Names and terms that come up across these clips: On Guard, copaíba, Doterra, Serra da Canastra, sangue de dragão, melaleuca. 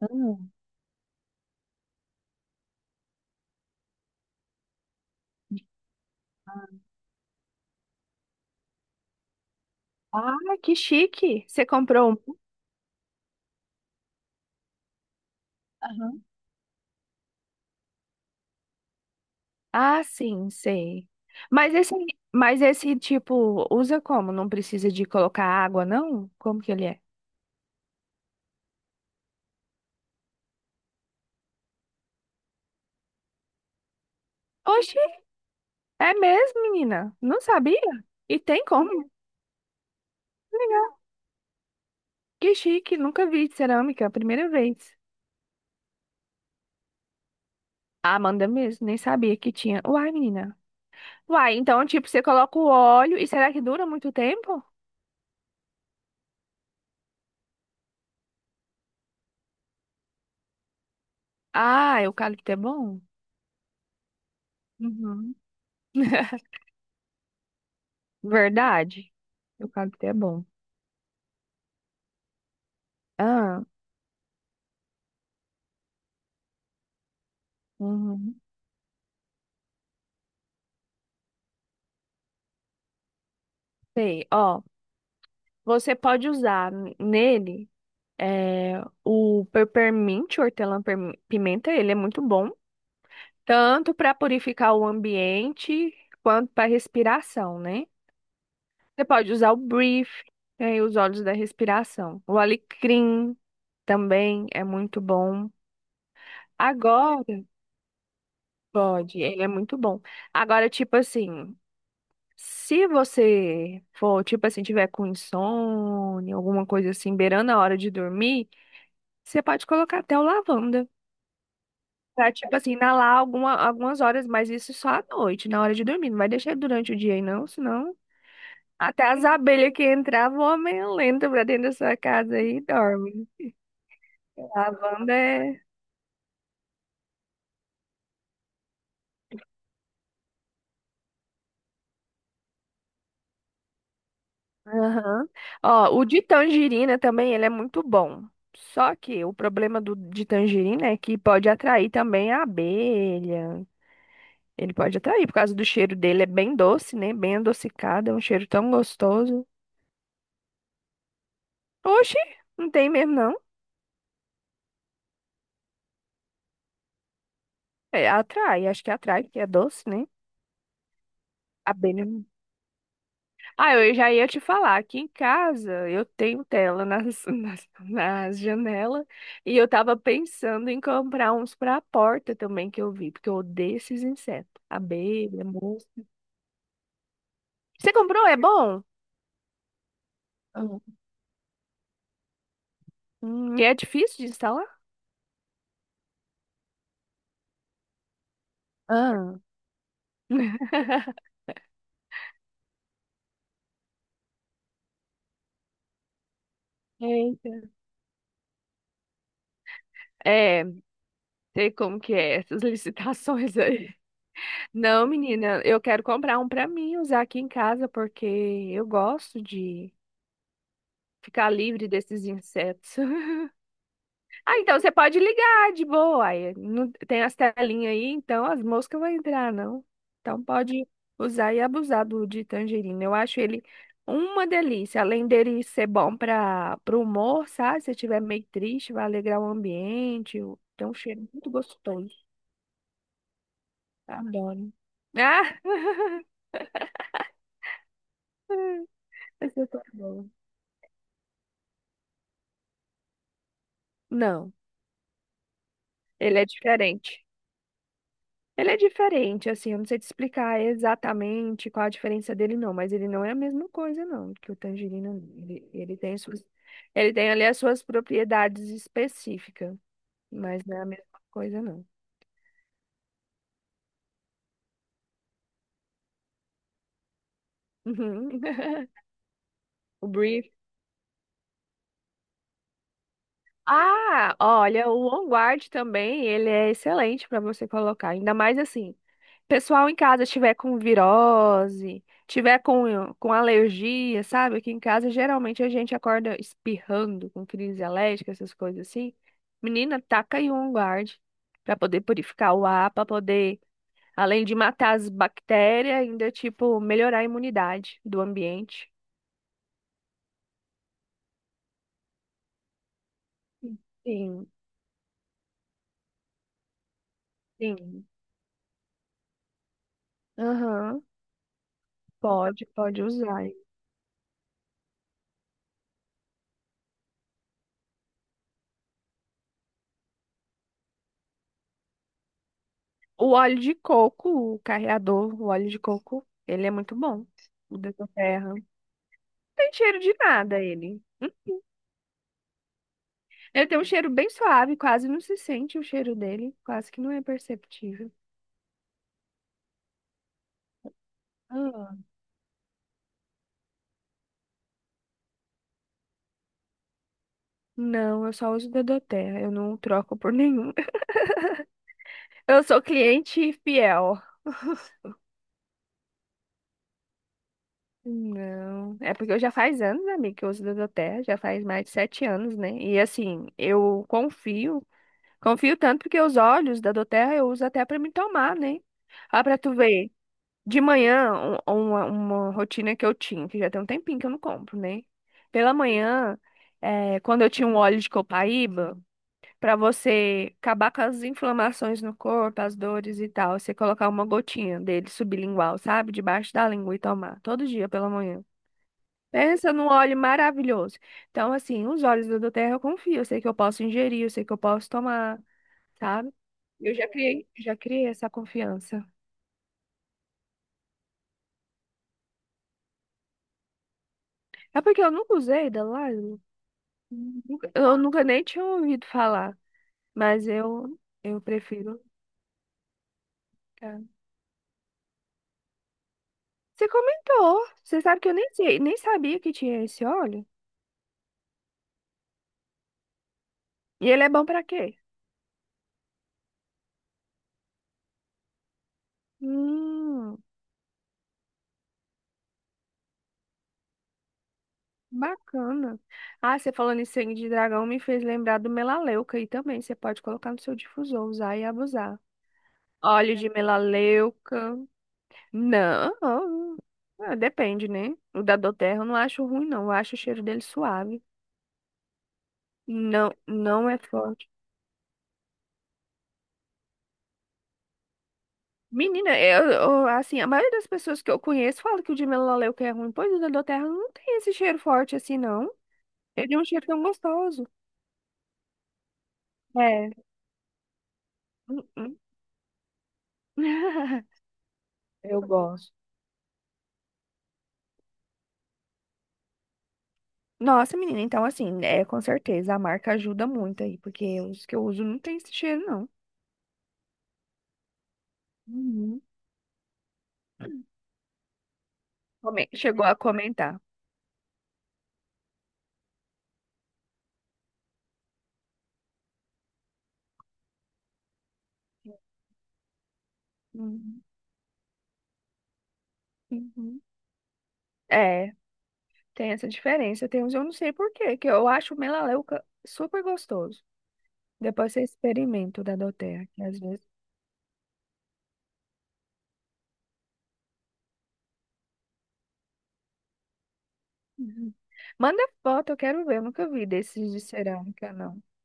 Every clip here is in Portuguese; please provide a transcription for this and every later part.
Hum. Ah, que chique! Você comprou um? Aham. Ah, sim, sei. Mas esse, mas esse tipo, usa como? Não precisa de colocar água, não? Como que ele é? Oxi, é mesmo, menina? Não sabia? E tem como? Muito legal. Que chique, nunca vi cerâmica, primeira vez. Ah, manda mesmo, nem sabia que tinha. Uai, menina. Uai, então, tipo, você coloca o óleo e será que dura muito tempo? Ah, eucalipto é bom? Uhum. Verdade. O cacto é bom. Ah, uhum, sei. Ó, você pode usar nele, é, o peppermint, o hortelã-pimenta. Ele é muito bom, tanto para purificar o ambiente quanto para respiração, né? Você pode usar o brief, né, os óleos da respiração. O alecrim também é muito bom. Agora, pode, ele é muito bom. Agora, tipo assim. Se você for, tipo assim, tiver com insônia, alguma coisa assim, beirando a hora de dormir, você pode colocar até o lavanda. Pra, tipo assim, inalar algumas horas, mas isso só à noite, na hora de dormir. Não vai deixar durante o dia aí, não, senão. Até as abelhas que entravam, vão meio lenta pra dentro da sua casa aí e dorme. Lavanda é. Aham. Ó, o de tangerina também, ele é muito bom. Só que o problema de tangerina é que pode atrair também a abelha. Ele pode atrair, por causa do cheiro dele, é bem doce, né? Bem adocicado, é um cheiro tão gostoso. Oxi, não tem mesmo, não. É, atrai, acho que atrai, porque é doce, né? Abelha. Ah, eu já ia te falar, aqui em casa eu tenho tela nas, nas janelas, e eu tava pensando em comprar uns pra porta também que eu vi, porque eu odeio esses insetos. Abelha, mosca. Você comprou? É bom? Ah. E é difícil de instalar? Ah. Eita. É. Sei como que é essas licitações aí. Não, menina, eu quero comprar um pra mim usar aqui em casa porque eu gosto de ficar livre desses insetos. Ah, então você pode ligar de boa. Aí, tem as telinhas aí, então as moscas vão entrar, não. Então pode usar e abusar do de tangerina. Eu acho ele uma delícia. Além dele ser bom para o humor, sabe? Se estiver meio triste, vai alegrar o ambiente. Tem um cheiro muito gostoso. Adoro. Ah. Esse ator é bom. Não, ele é diferente. Ele é diferente, assim, eu não sei te explicar exatamente qual a diferença dele, não, mas ele não é a mesma coisa, não, que o tangerina. Ele tem suas, ele tem ali as suas propriedades específicas, mas não é a mesma coisa, não. Uhum. O brief. Ah, olha, o On Guard também, ele é excelente para você colocar, ainda mais assim. Pessoal em casa estiver com virose, tiver com alergia, sabe? Aqui em casa geralmente a gente acorda espirrando, com crise alérgica, essas coisas assim. Menina, taca aí um guarde para poder purificar o ar, para poder, além de matar as bactérias, ainda tipo melhorar a imunidade do ambiente. Sim, sim. Aham, pode usar. O óleo de coco, o carreador, o óleo de coco, ele é muito bom, o da terra. Tem cheiro de nada ele. Hum? Ele tem um cheiro bem suave, quase não se sente o cheiro dele, quase que não é perceptível. Ah. Não, eu só uso Terra, eu não troco por nenhum. Eu sou cliente fiel. Não, é porque eu já faz anos, amiga, que eu uso Terra, já faz mais de sete anos, né? E assim, eu confio tanto porque os óleos da Terra eu uso até pra me tomar, né? Ó, pra tu ver. De manhã, uma rotina que eu tinha, que já tem um tempinho que eu não compro, né? Pela manhã, quando eu tinha um óleo de copaíba, pra você acabar com as inflamações no corpo, as dores e tal, você colocar uma gotinha dele sublingual, sabe? Debaixo da língua e tomar, todo dia pela manhã. Pensa num óleo maravilhoso. Então, assim, os óleos da Doterra eu confio, eu sei que eu posso ingerir, eu sei que eu posso tomar, sabe? Eu já criei essa confiança. É porque eu nunca usei da lá. Eu nunca nem tinha ouvido falar, mas eu prefiro. Tá. Você comentou. Você sabe que eu nem sei, nem sabia que tinha esse óleo. E ele é bom pra quê? Hum, bacana. Ah, você falando em sangue de dragão me fez lembrar do melaleuca aí também. Você pode colocar no seu difusor, usar e abusar. Óleo de melaleuca. Não, ah, depende, né? O da Doterra eu não acho ruim, não. Eu acho o cheiro dele suave. Não, não é forte. Menina, assim, a maioria das pessoas que eu conheço fala que o de melaleuca é ruim, pois o da Doterra não tem esse cheiro forte assim, não. Ele é um cheiro tão gostoso. É. Hum. Eu gosto. Nossa, menina, então assim, é com certeza a marca ajuda muito aí, porque os que eu uso não tem esse cheiro, não. Uhum. Chegou a comentar. Uhum, uhum. É, tem essa diferença. Tem uns, eu não sei por quê, que eu acho o melaleuca super gostoso. Depois você experimenta o da Doterra, que às vezes. Uhum. Manda foto, eu quero ver. Eu nunca vi desses de cerâmica, não.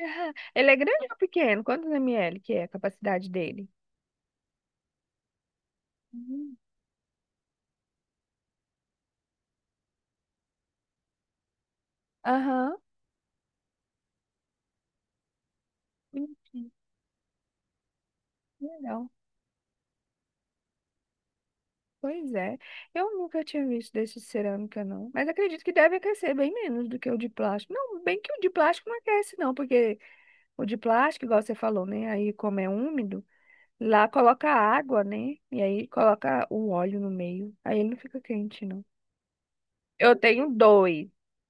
Ah, ele é grande ou pequeno? Quantos ml que é a capacidade dele? Uhum. Aham. Bonitinho. Legal. Pois é. Eu nunca tinha visto desse de cerâmica, não. Mas acredito que deve aquecer bem menos do que o de plástico. Não, bem que o de plástico não aquece, não, porque o de plástico, igual você falou, né? Aí, como é úmido, lá coloca água, né? E aí coloca o óleo no meio. Aí ele não fica quente, não. Eu tenho dois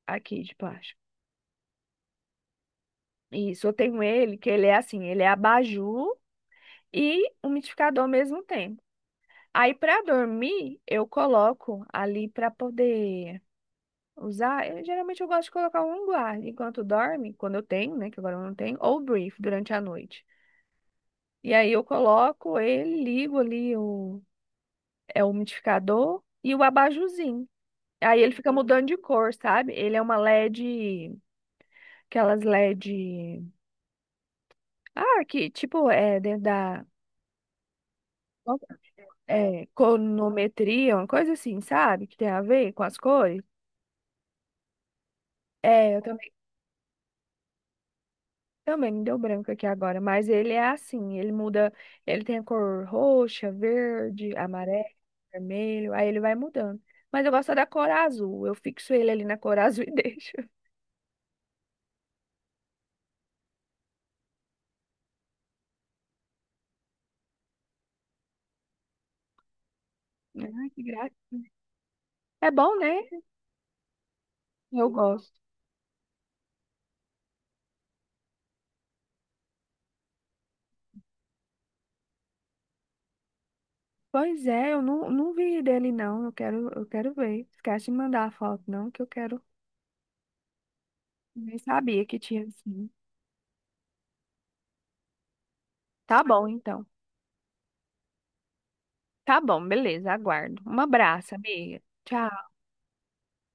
aqui de plástico. Isso, eu tenho ele, que ele é assim, ele é abajur e umidificador ao mesmo tempo. Aí, pra dormir, eu coloco ali pra poder usar. Eu, geralmente eu gosto de colocar um guarda enquanto dorme, quando eu tenho, né, que agora eu não tenho, ou brief durante a noite. E aí eu coloco ele, ligo ali o umidificador e o abajurzinho. Aí ele fica mudando de cor, sabe? Ele é uma LED, aquelas LED. Ah, que tipo, é dentro da conometria, uma coisa assim, sabe? Que tem a ver com as cores. É, eu também me deu branco aqui agora, mas ele é assim, ele muda, ele tem a cor roxa, verde, amarelo, vermelho, aí ele vai mudando. Mas eu gosto da cor azul, eu fixo ele ali na cor azul e deixo. Ai, que graça. É bom, né? Eu gosto. Pois é, eu não vi dele não, eu quero ver. Esquece de mandar a foto não, que eu quero, nem sabia que tinha assim. Tá bom, então. Tá bom, beleza, aguardo. Um abraço, amiga. Tchau.